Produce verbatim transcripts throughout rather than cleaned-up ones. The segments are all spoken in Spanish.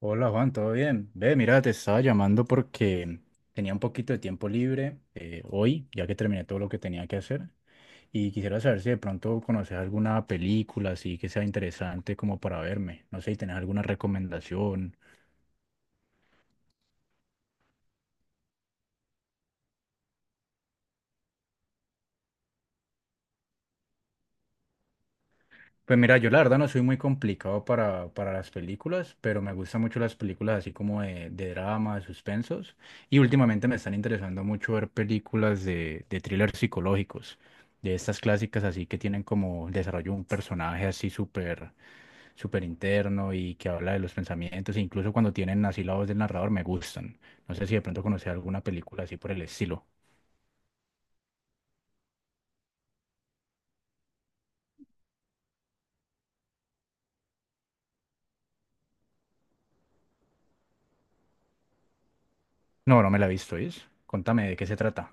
Hola Juan, ¿todo bien? Ve, mira, te estaba llamando porque tenía un poquito de tiempo libre eh, hoy, ya que terminé todo lo que tenía que hacer, y quisiera saber si de pronto conoces alguna película así que sea interesante como para verme. No sé si tenés alguna recomendación. Pues mira, yo la verdad no soy muy complicado para, para las películas, pero me gustan mucho las películas así como de, de drama, de suspensos, y últimamente me están interesando mucho ver películas de, de thrillers psicológicos, de estas clásicas así que tienen como el desarrollo de un personaje así súper súper interno y que habla de los pensamientos, e incluso cuando tienen así la voz del narrador me gustan. No sé si de pronto conoces alguna película así por el estilo. No, no me la he visto, ¿es? Contame de qué se trata.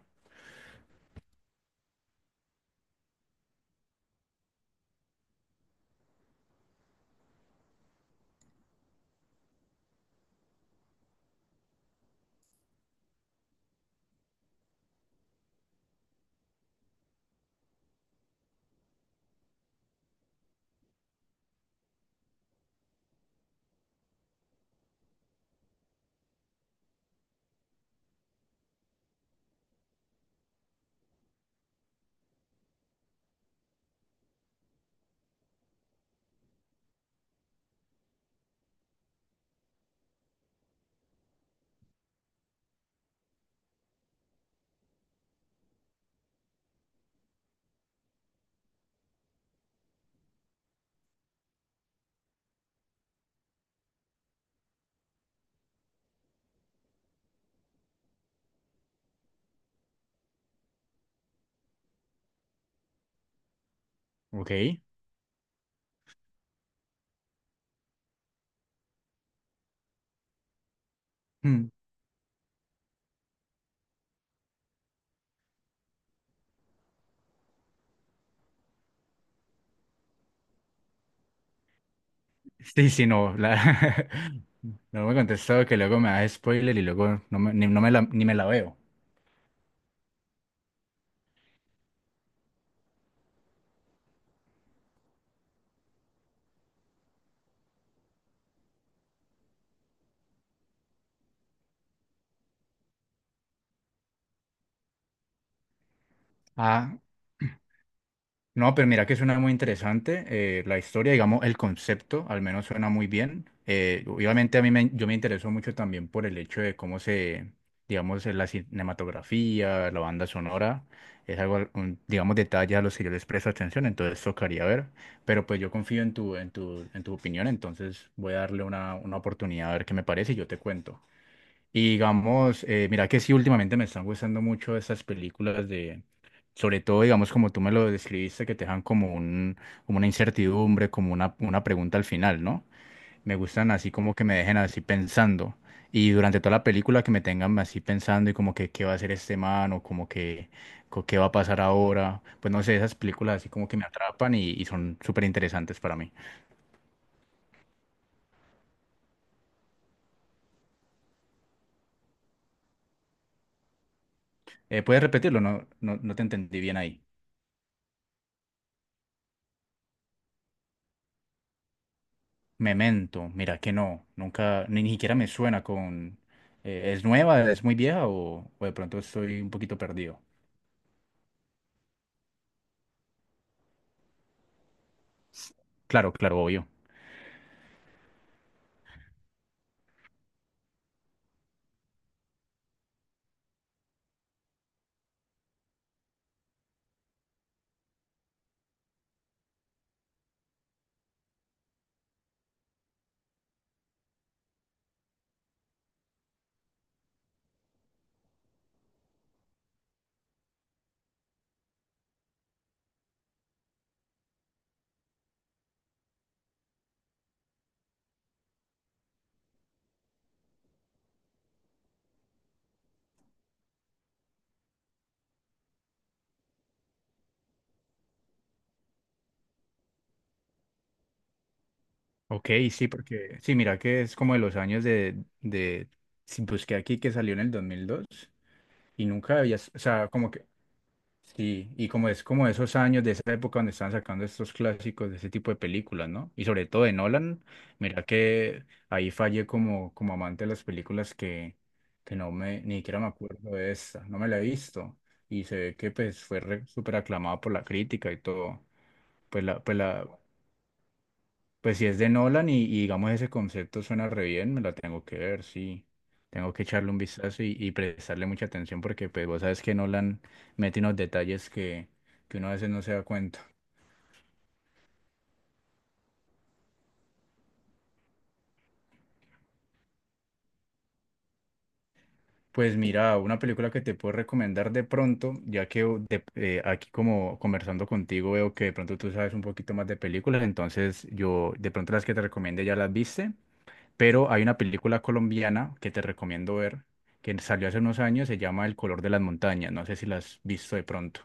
Ok. Sí, sí, no. la- No me contestó que luego me da spoiler y luego no me, ni, no me la, ni me la veo. Ah, no, pero mira que suena muy interesante. Eh, la historia, digamos, el concepto al menos suena muy bien. Eh, obviamente a mí me, yo me interesó mucho también por el hecho de cómo se, digamos, eh, la cinematografía, la banda sonora, es algo, un, digamos, detalle a los que yo les presto atención, entonces tocaría ver. Pero pues yo confío en tu, en tu, en tu opinión, entonces voy a darle una, una oportunidad a ver qué me parece y yo te cuento. Y digamos, eh, mira que sí, últimamente me están gustando mucho esas películas de, sobre todo, digamos, como tú me lo describiste, que te dejan como un, como una incertidumbre, como una, una pregunta al final, ¿no? Me gustan así como que me dejen así pensando. Y durante toda la película que me tengan así pensando y como que qué va a hacer este man o como que co- qué va a pasar ahora. Pues no sé, esas películas así como que me atrapan y, y son súper interesantes para mí. Eh, ¿puedes repetirlo? No, no, no te entendí bien ahí. Memento, mira que no, nunca, ni, ni siquiera me suena con... eh, ¿Es nueva, es muy vieja o, o de pronto estoy un poquito perdido? Claro, claro, obvio. Ok, sí, porque... Sí, mira que es como de los años de... de sí, busqué aquí que salió en el dos mil dos y nunca había... O sea, como que... Sí, y como es como esos años de esa época donde estaban sacando estos clásicos de ese tipo de películas, ¿no? Y sobre todo de Nolan, mira que ahí fallé como, como amante de las películas que, que no me, ni siquiera me acuerdo de esta, no me la he visto. Y se ve que pues fue re- súper aclamada por la crítica y todo. Pues la, pues la, pues si es de Nolan y, y digamos ese concepto suena re bien, me la tengo que ver, sí. Tengo que echarle un vistazo y, y prestarle mucha atención porque pues vos sabes que Nolan mete unos detalles que, que uno a veces no se da cuenta. Pues mira, una película que te puedo recomendar de pronto, ya que o, de- eh, aquí como conversando contigo veo que de pronto tú sabes un poquito más de películas, entonces yo de pronto las que te recomiende ya las viste. Pero hay una película colombiana que te recomiendo ver, que salió hace unos años, se llama El color de las montañas. No sé si la has visto de pronto.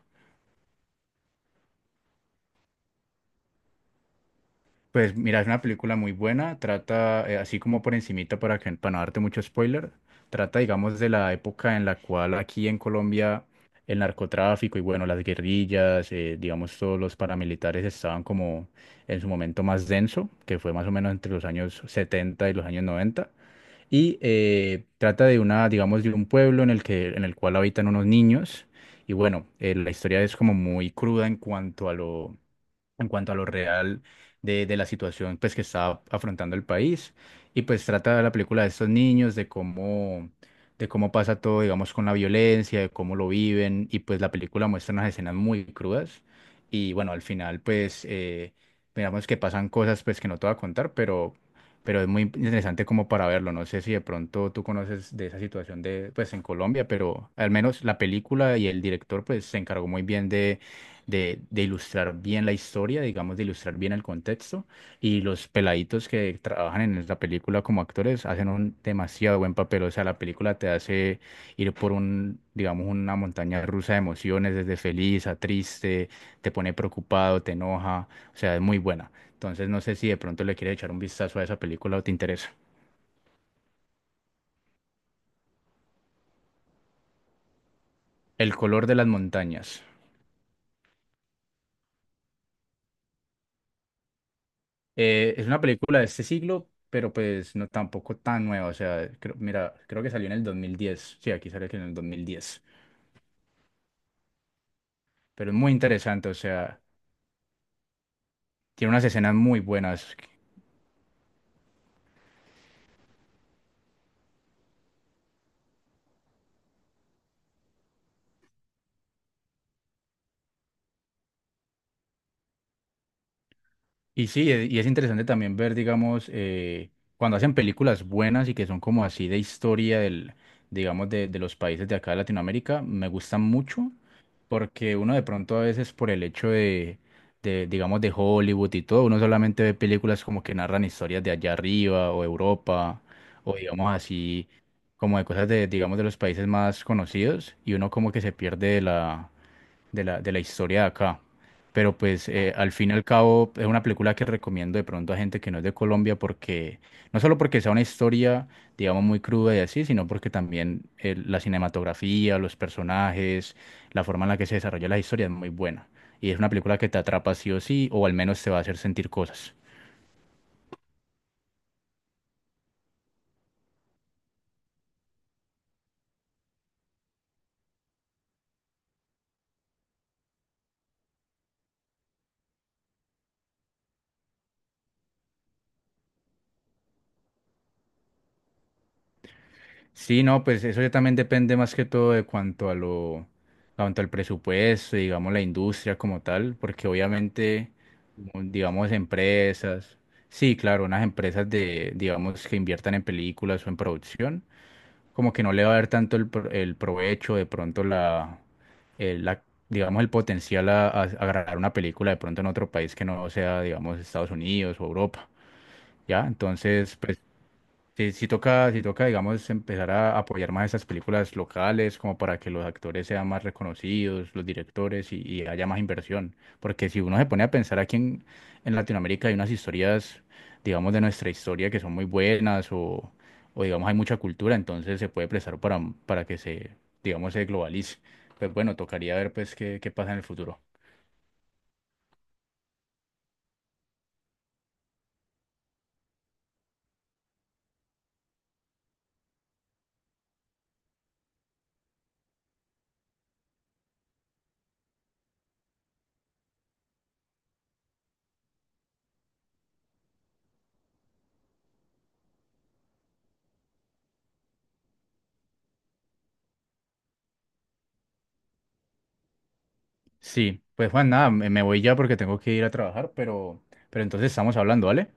Pues mira, es una película muy buena, trata, eh, así como por encimita para que, para no darte mucho spoiler, trata, digamos, de la época en la cual aquí en Colombia el narcotráfico y bueno, las guerrillas, eh, digamos, todos los paramilitares estaban como en su momento más denso, que fue más o menos entre los años setenta y los años noventa. Y eh, trata de una, digamos, de un pueblo en el que, en el cual habitan unos niños. Y bueno, eh, la historia es como muy cruda en cuanto a lo, en cuanto a lo real de, de la situación pues, que está afrontando el país. Y pues trata la película de estos niños, de cómo, de cómo pasa todo, digamos, con la violencia, de cómo lo viven. Y pues la película muestra unas escenas muy crudas. Y bueno, al final pues eh, digamos que pasan cosas pues que no te voy a contar, pero, pero es muy interesante como para verlo. No sé si de pronto tú conoces de esa situación de pues en Colombia, pero al menos la película y el director pues se encargó muy bien de, de ilustrar bien la historia, digamos, de ilustrar bien el contexto. Y los peladitos que trabajan en la película como actores hacen un demasiado buen papel. O sea, la película te hace ir por un, digamos, una montaña rusa de emociones, desde feliz a triste, te pone preocupado, te enoja. O sea, es muy buena. Entonces, no sé si de pronto le quieres echar un vistazo a esa película o te interesa. El color de las montañas. Eh, es una película de este siglo, pero pues no tampoco tan nueva. O sea, creo- mira, creo que salió en el dos mil diez. Sí, aquí salió que en el dos mil diez. Pero es muy interesante, o sea, tiene unas escenas muy buenas. Y sí, e- y es interesante también ver, digamos, eh, cuando hacen películas buenas y que son como así de historia del, digamos, de, de los países de acá de Latinoamérica, me gustan mucho porque uno de pronto a veces por el hecho de, de, digamos, de Hollywood y todo, uno solamente ve películas como que narran historias de allá arriba o Europa o digamos así, como de cosas de, digamos, de los países más conocidos y uno como que se pierde de la, de la historia de acá. Pero pues eh, al fin y al cabo es una película que recomiendo de pronto a gente que no es de Colombia porque no solo porque sea una historia, digamos, muy cruda y así, sino porque también eh, la cinematografía, los personajes, la forma en la que se desarrolla la historia es muy buena. Y es una película que te atrapa sí o sí, o al menos te va a hacer sentir cosas. Sí, no, pues eso ya también depende más que todo de cuanto a lo, cuanto al presupuesto, digamos, la industria como tal, porque obviamente, como, digamos, empresas, sí, claro, unas empresas de, digamos, que inviertan en películas o en producción, como que no le va a dar tanto el, pro- el provecho, de pronto la, el- la, digamos, el potencial a, a, a grabar una película de pronto en otro país que no sea, digamos, Estados Unidos o Europa, ¿ya? Entonces, pues sí, sí toca, sí toca, digamos, empezar a apoyar más esas películas locales, como para que los actores sean más reconocidos, los directores y, y haya más inversión. Porque si uno se pone a pensar aquí en, en Latinoamérica hay unas historias, digamos, de nuestra historia que son muy buenas o, o digamos, hay mucha cultura, entonces se puede prestar para, para que se, digamos, se globalice. Pues bueno, tocaría ver pues qué, qué pasa en el futuro. Sí, pues Juan, nada, me me voy ya porque tengo que ir a trabajar, pero, pero entonces estamos hablando, ¿vale?